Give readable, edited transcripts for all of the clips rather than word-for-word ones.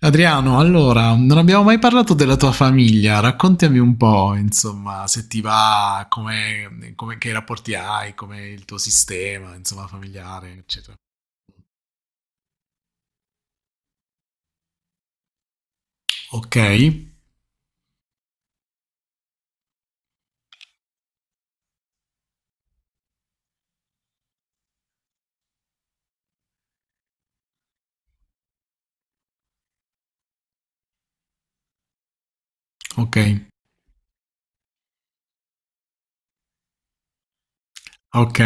Adriano, allora, non abbiamo mai parlato della tua famiglia, raccontami un po', insomma, se ti va, che rapporti hai, come il tuo sistema, insomma, familiare, eccetera. Ok, ok, ok.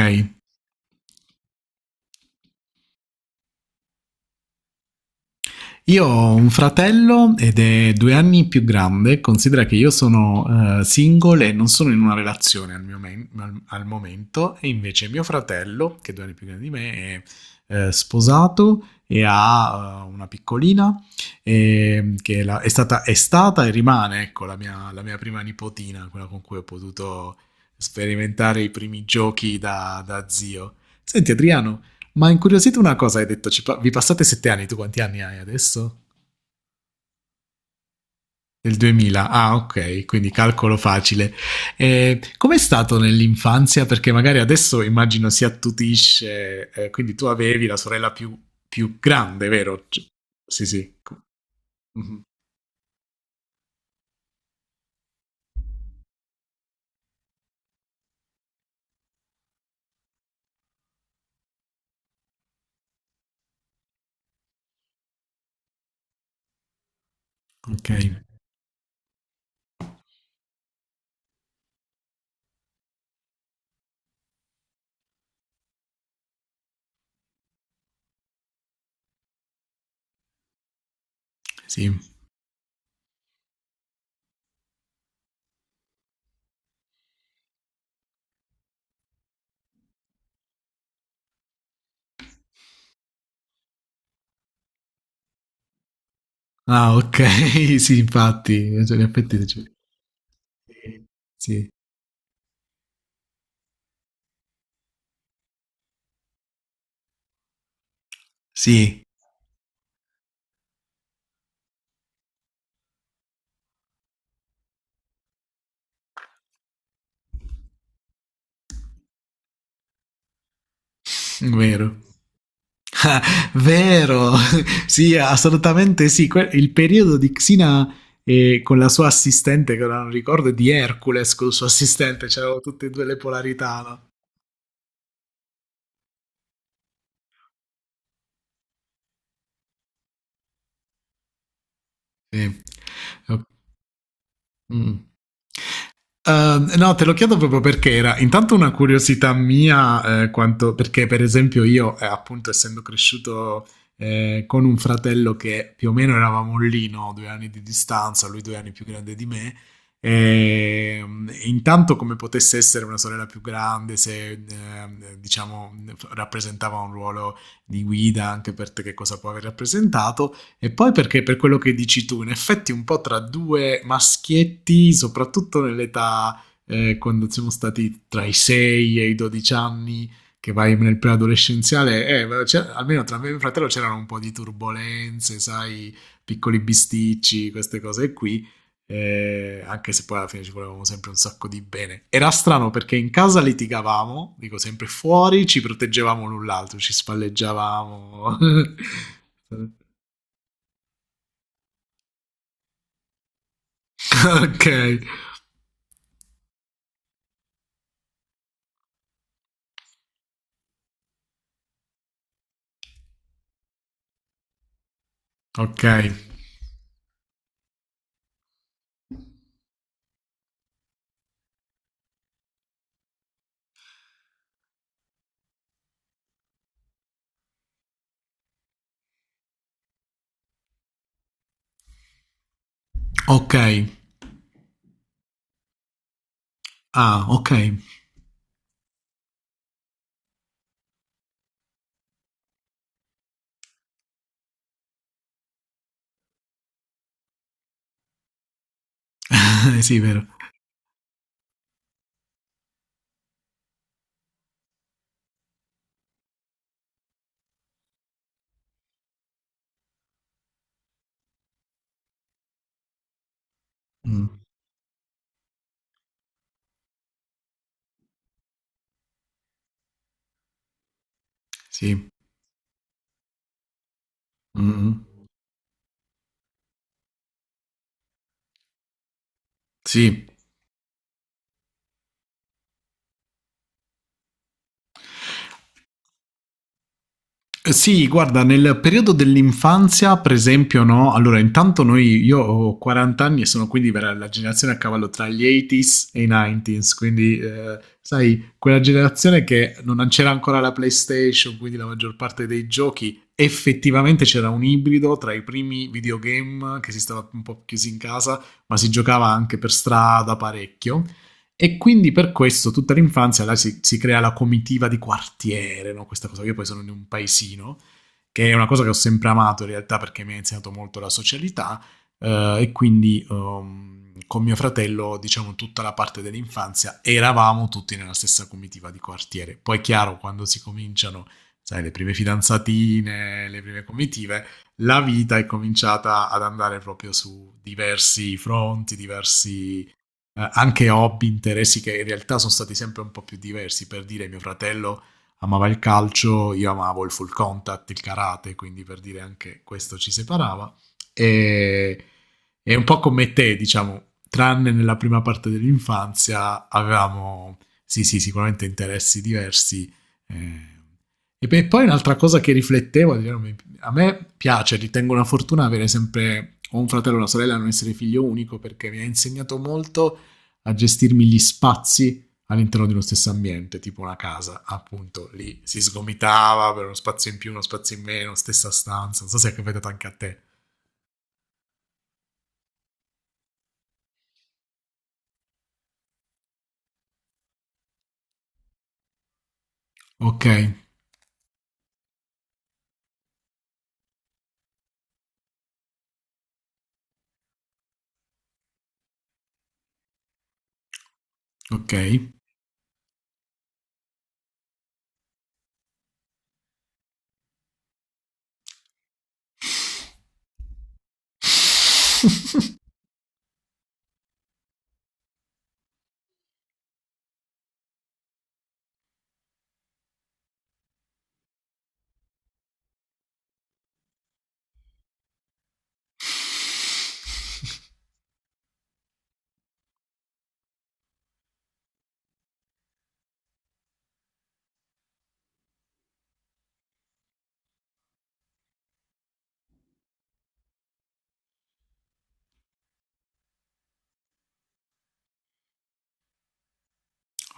Io ho un fratello ed è 2 anni più grande, considera che io sono single e non sono in una relazione al momento, e invece mio fratello, che è 2 anni più grande di me, è sposato e ha una piccolina che è stata e rimane ecco, la mia prima nipotina, quella con cui ho potuto sperimentare i primi giochi da zio. Senti Adriano, ma incuriosito una cosa, hai detto, vi passate 7 anni, tu quanti anni hai adesso? Del 2000, ah ok, quindi calcolo facile. Com'è stato nell'infanzia? Perché magari adesso immagino si attutisce, quindi tu avevi la sorella più grande, vero? Sì, sì. Mhm. Ok, sì. Ah, ok. Sì, infatti, cioè, in effetti, cioè, sì, sì, vero. Vero. Sì, assolutamente sì. Il periodo di Xina con la sua assistente, che ora non ricordo, e di Hercules con il suo assistente, c'erano tutte e due le polarità, no? Sì. Ok. Mm. No, te lo chiedo proprio perché era intanto una curiosità mia, quanto, perché per esempio io, appunto, essendo cresciuto con un fratello che più o meno eravamo lì, no? 2 anni di distanza, lui 2 anni più grande di me, e, intanto come potesse essere una sorella più grande, se diciamo rappresentava un ruolo di guida anche per te, che cosa può aver rappresentato, e poi perché per quello che dici tu, in effetti un po' tra due maschietti, soprattutto nell'età quando siamo stati tra i 6 e i 12 anni, che vai nel preadolescenziale, almeno tra me e mio fratello c'erano un po' di turbulenze, sai, piccoli bisticci, queste cose qui. Anche se poi alla fine ci volevamo sempre un sacco di bene. Era strano perché in casa litigavamo, dico sempre fuori, ci proteggevamo l'un l'altro, ci spalleggiavamo. Ok, ok, ok. Ah, ok. Sì, vero. Mm, sì. Mm, mm. Sì. Sì, guarda, nel periodo dell'infanzia, per esempio, no? Allora, intanto noi, io ho 40 anni e sono quindi la generazione a cavallo tra gli 80s e i 90s, quindi, sai, quella generazione che non c'era ancora la PlayStation, quindi la maggior parte dei giochi, effettivamente c'era un ibrido tra i primi videogame che si stava un po' chiusi in casa, ma si giocava anche per strada parecchio. E quindi per questo tutta l'infanzia là si crea la comitiva di quartiere, no? Questa cosa. Io poi sono in un paesino, che è una cosa che ho sempre amato in realtà perché mi ha insegnato molto la socialità e quindi con mio fratello, diciamo tutta la parte dell'infanzia, eravamo tutti nella stessa comitiva di quartiere. Poi è chiaro, quando si cominciano sai, le prime fidanzatine, le prime comitive, la vita è cominciata ad andare proprio su diversi fronti, diversi anche hobby, interessi che in realtà sono stati sempre un po' più diversi. Per dire, mio fratello amava il calcio, io amavo il full contact, il karate, quindi per dire anche questo ci separava. E, e un po' come te, diciamo, tranne nella prima parte dell'infanzia, avevamo sì, sì, sicuramente interessi diversi. eh. E beh, poi un'altra cosa che riflettevo, a me piace, ritengo una fortuna avere sempre o un fratello o una sorella, non essere figlio unico, perché mi ha insegnato molto a gestirmi gli spazi all'interno di uno stesso ambiente, tipo una casa, appunto lì si sgomitava per uno spazio in più, uno spazio in meno, stessa stanza. Non so se è capitato anche a te. Ok, ok.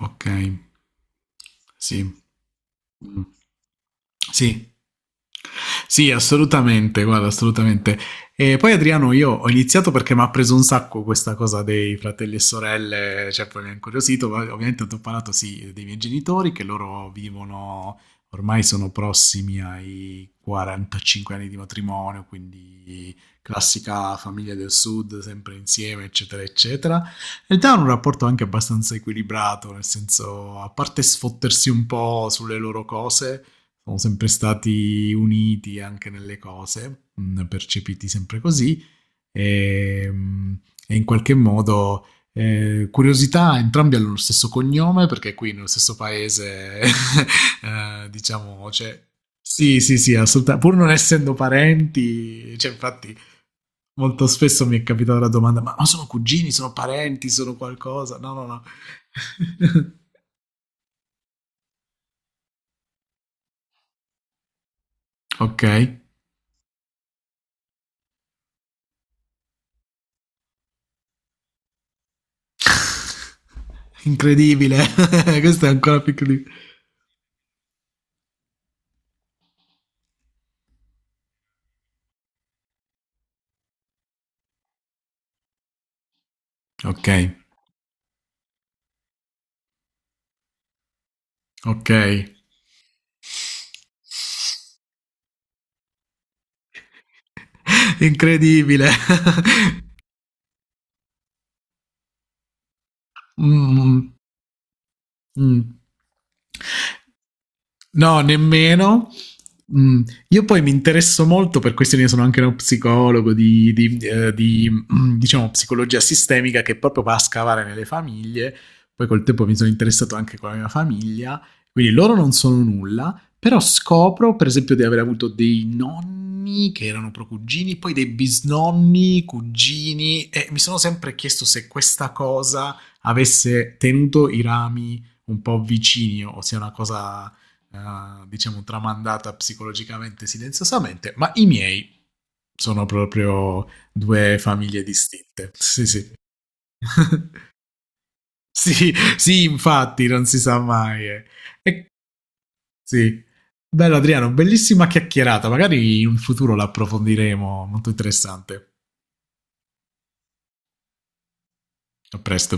Ok, sì. Mm. Sì. Sì, assolutamente, guarda, assolutamente. E poi Adriano, io ho iniziato perché mi ha preso un sacco questa cosa dei fratelli e sorelle, cioè poi mi ha incuriosito, ma ovviamente ti ho parlato sì dei miei genitori che loro vivono, ormai sono prossimi ai 45 anni di matrimonio, quindi classica famiglia del sud, sempre insieme, eccetera, eccetera. In realtà hanno un rapporto anche abbastanza equilibrato, nel senso, a parte sfottersi un po' sulle loro cose sono sempre stati uniti anche nelle cose, percepiti sempre così e, mh, e in qualche modo curiosità, entrambi hanno lo stesso cognome perché qui nello stesso paese, diciamo, cioè, sì, sì, sì, assolutamente, pur non essendo parenti, cioè, infatti molto spesso mi è capitata la domanda, ma, sono cugini, sono parenti, sono qualcosa? No, no, no. Ok, incredibile. Questo è ancora più incredibile. Ok. Okay. Incredibile. Mh, mh. No, nemmeno. Mm. Io poi mi interesso molto per questioni, sono anche uno psicologo di, diciamo, psicologia sistemica che proprio va a scavare nelle famiglie. Poi col tempo mi sono interessato anche con la mia famiglia, quindi loro non sono nulla, però scopro per esempio di aver avuto dei nonni che erano procugini, poi dei bisnonni, cugini, e mi sono sempre chiesto se questa cosa avesse tenuto i rami un po' vicini o sia una cosa diciamo tramandata psicologicamente silenziosamente, ma i miei sono proprio due famiglie distinte. Sì, sì. Sì, sì, infatti, non si sa mai. E, sì. Bello Adriano, bellissima chiacchierata, magari in un futuro l'approfondiremo, molto interessante. A presto.